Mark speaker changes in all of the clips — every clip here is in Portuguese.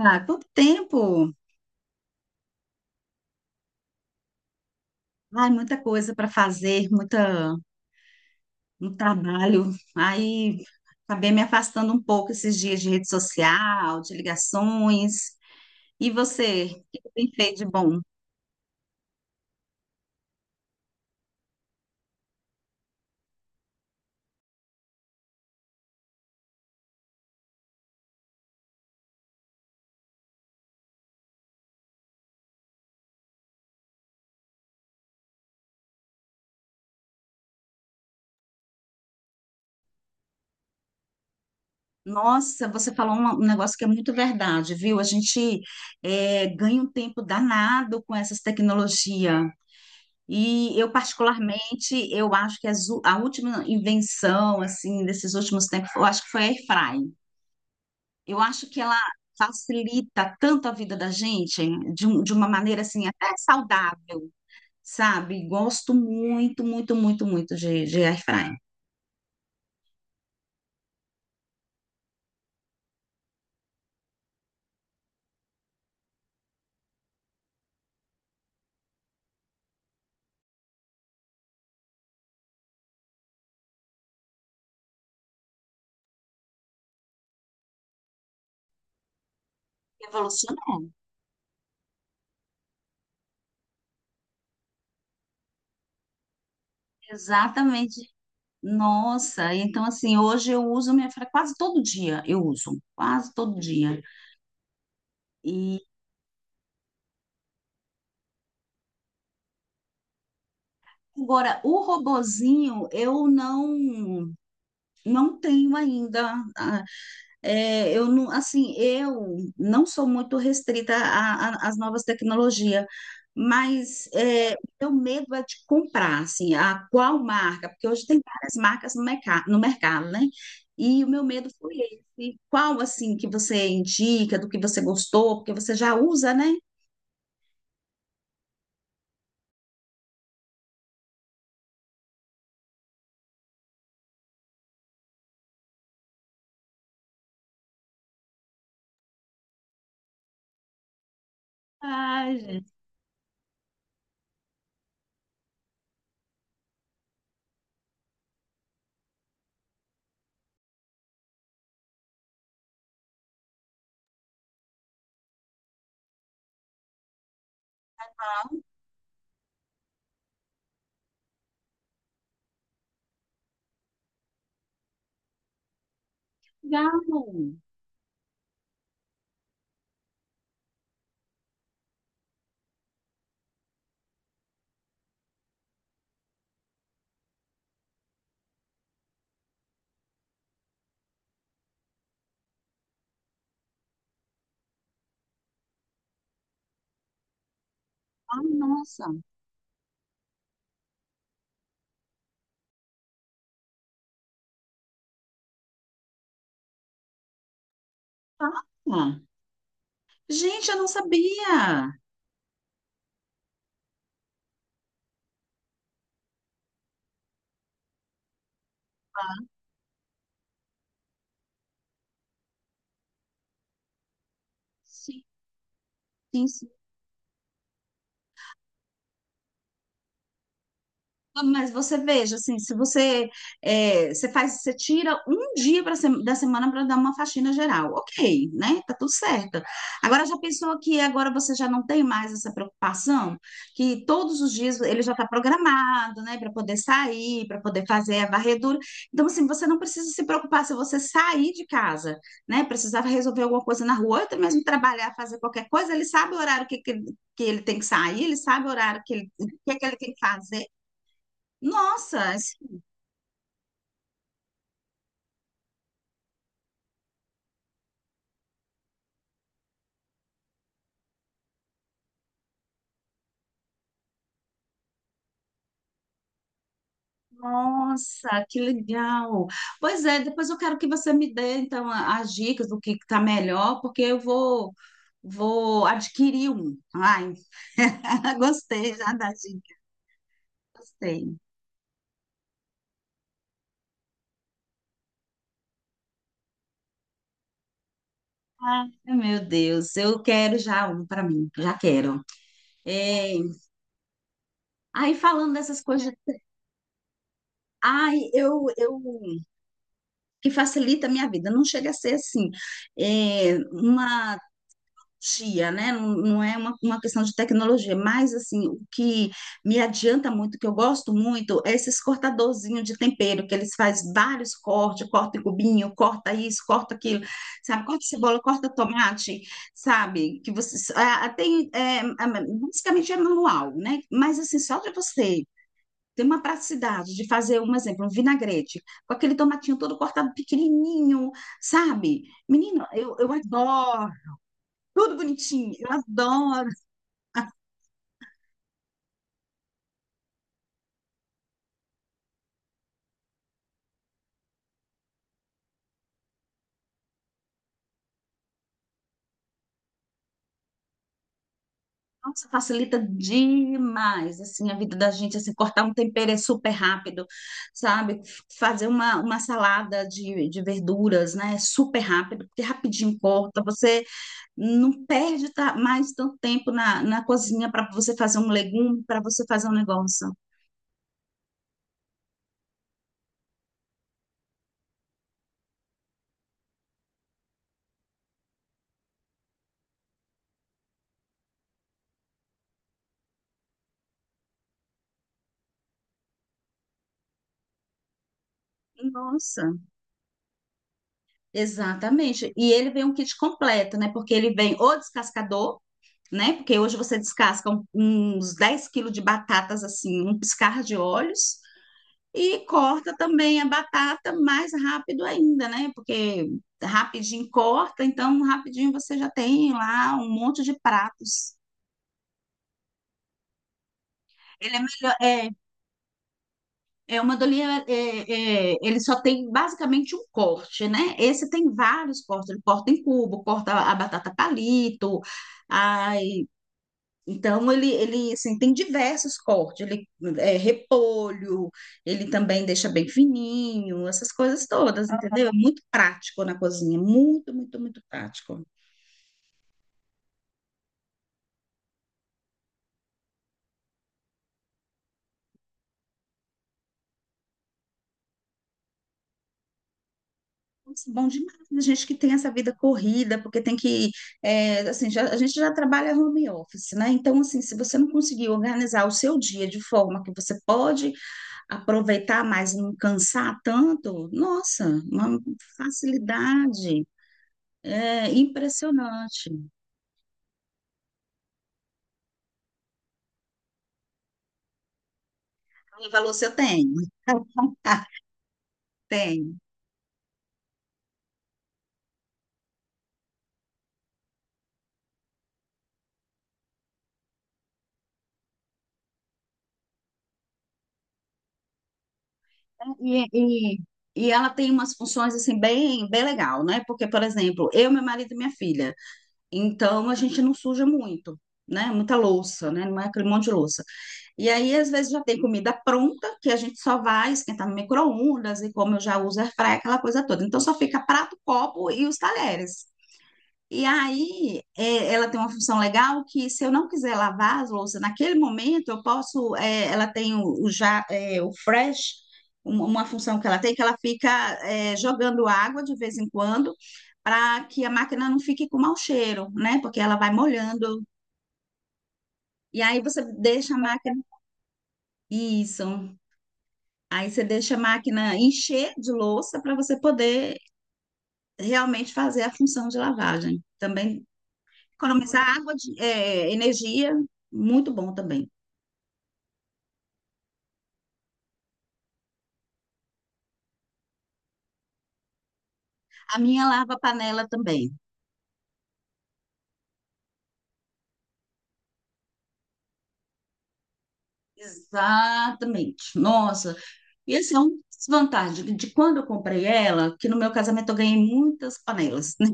Speaker 1: Ah, quanto tempo! Ai, muita coisa para fazer, muita, muito trabalho. Aí acabei me afastando um pouco esses dias de rede social, de ligações. E você, o que que tem feito de bom? Nossa, você falou um negócio que é muito verdade, viu? A gente é, ganha um tempo danado com essas tecnologias. E eu, particularmente, eu acho que a última invenção, assim, desses últimos tempos, eu acho que foi a airfryer. Eu acho que ela facilita tanto a vida da gente de uma maneira assim até saudável, sabe? Gosto muito, muito, muito, muito de air fryer. Revolucionário. Exatamente. Nossa, então assim, hoje eu uso minha air quase todo dia, eu uso, quase todo dia. E agora o robozinho eu não tenho ainda. Ah, é, eu não, assim, eu não sou muito restrita às novas tecnologias, mas é, meu medo é de comprar, assim, a qual marca, porque hoje tem várias marcas no mercado, né? E o meu medo foi esse. Qual, assim, que você indica, do que você gostou, porque você já usa, né? Ai, gente, legal. Ai, nossa. Ah, gente, eu não sabia. Sim, sim. Mas você veja, assim, se você, é, você faz, você tira um dia pra sem- da semana para dar uma faxina geral, ok, né? Tá tudo certo. Agora já pensou que agora você já não tem mais essa preocupação, que todos os dias ele já está programado, né, para poder sair, para poder fazer a varredura. Então, assim, você não precisa se preocupar se você sair de casa, né? Precisava resolver alguma coisa na rua, ou até mesmo trabalhar, fazer qualquer coisa, ele sabe o horário que ele tem que sair, ele sabe o horário que ele, o que é que ele tem que fazer. Nossa, nossa, que legal. Pois é, depois eu quero que você me dê então as dicas do que está melhor, porque eu vou vou adquirir um. Ai, gostei já da dica, gostei. Ai, meu Deus, eu quero já um para mim, já quero. É, aí falando dessas coisas, ai, eu que facilita a minha vida, não chega a ser assim, é, uma tia, né? Não, não é uma questão de tecnologia, mas assim, o que me adianta muito, que eu gosto muito, é esses cortadorzinhos de tempero, que eles fazem vários cortes, corta em cubinho, corta isso, corta aquilo, sabe? Corta cebola, corta tomate, sabe? Que você basicamente é manual, né? Mas assim, só de você ter uma praticidade de fazer, um exemplo, um vinagrete, com aquele tomatinho todo cortado pequenininho, sabe? Menino, eu adoro tudo bonitinho, eu adoro. Nossa, facilita demais, assim, a vida da gente, assim, cortar um tempero é super rápido, sabe? Fazer uma salada de verduras, né? É super rápido, porque rapidinho corta, você não perde mais tanto tempo na cozinha para você fazer um legume, para você fazer um negócio. Nossa, exatamente. E ele vem um kit completo, né? Porque ele vem o descascador, né? Porque hoje você descasca uns 10 quilos de batatas assim, um piscar de olhos, e corta também a batata mais rápido ainda, né? Porque rapidinho corta, então rapidinho você já tem lá um monte de pratos. Ele é melhor, é, é uma dolia, ele só tem basicamente um corte, né? Esse tem vários cortes, ele corta em cubo, corta a batata palito, ai, Então, ele assim, tem diversos cortes, ele é repolho, ele também deixa bem fininho, essas coisas todas, entendeu? É muito prático na cozinha, muito, muito, muito prático. Nossa, bom demais, a gente que tem essa vida corrida, porque tem que, é, assim, a gente já trabalha home office, né? Então, assim, se você não conseguir organizar o seu dia de forma que você pode aproveitar mais e não cansar tanto, nossa, uma facilidade, é impressionante. Ela falou se eu tenho. Ah, tenho. E, e, e ela tem umas funções assim bem, bem legal, né? Porque, por exemplo, eu, meu marido e minha filha. Então a gente não suja muito. Né, muita louça, né, não é aquele monte de louça. E aí, às vezes, já tem comida pronta, que a gente só vai esquentar no micro-ondas, e como eu já uso airfryer, aquela coisa toda. Então, só fica prato, copo e os talheres. E aí, é, ela tem uma função legal que, se eu não quiser lavar as louças naquele momento, eu posso. É, ela tem o fresh, uma função que ela tem, que ela fica, é, jogando água de vez em quando, para que a máquina não fique com mau cheiro, né? Porque ela vai molhando. E aí, você deixa a máquina. Isso. Aí, você deixa a máquina encher de louça para você poder realmente fazer a função de lavagem. Também economizar água, é, energia, muito bom também. A minha lava panela também. Exatamente. Nossa, e esse é um desvantagem de quando eu comprei ela, que no meu casamento eu ganhei muitas panelas, né?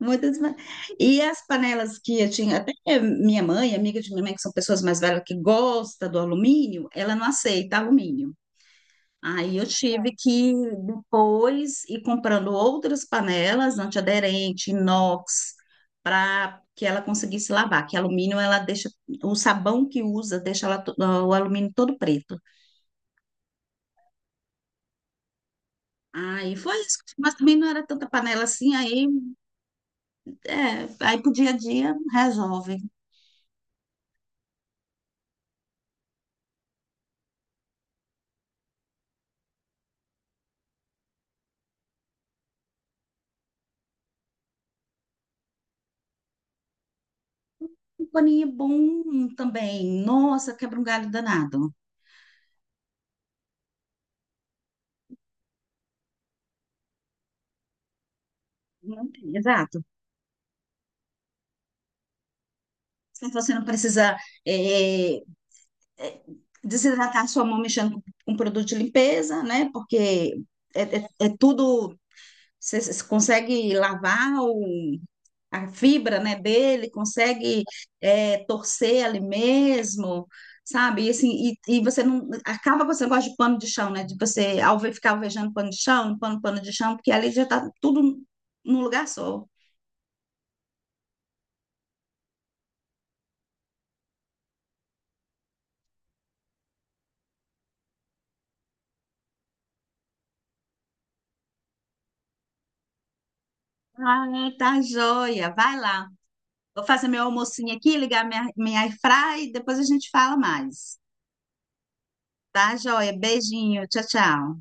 Speaker 1: Muitas. E as panelas que eu tinha, até minha mãe, amiga de minha mãe, que são pessoas mais velhas que gosta do alumínio, ela não aceita alumínio. Aí eu tive que depois ir comprando outras panelas antiaderente, inox, para que ela conseguisse lavar, que alumínio ela deixa, o sabão que usa deixa ela, o alumínio todo preto. Aí foi isso, mas também não era tanta panela assim, aí, é, aí pro dia a dia resolve. Um paninho bom também, nossa, quebra um galho danado. Não tem, exato. Se você não precisa eh, é, desidratar a sua mão mexendo com um produto de limpeza, né? Porque é tudo. Você consegue lavar o, a fibra, né, dele, consegue é, torcer ali mesmo, sabe? E, assim, e você não. Acaba com esse negócio de pano de chão, né? De você alve, ficar alvejando pano de chão, limpando pano de chão, porque ali já está tudo num lugar só. Ah, tá joia. Vai lá. Vou fazer meu almocinho aqui, ligar minha, minha airfry e depois a gente fala mais. Tá, joia? Beijinho. Tchau, tchau.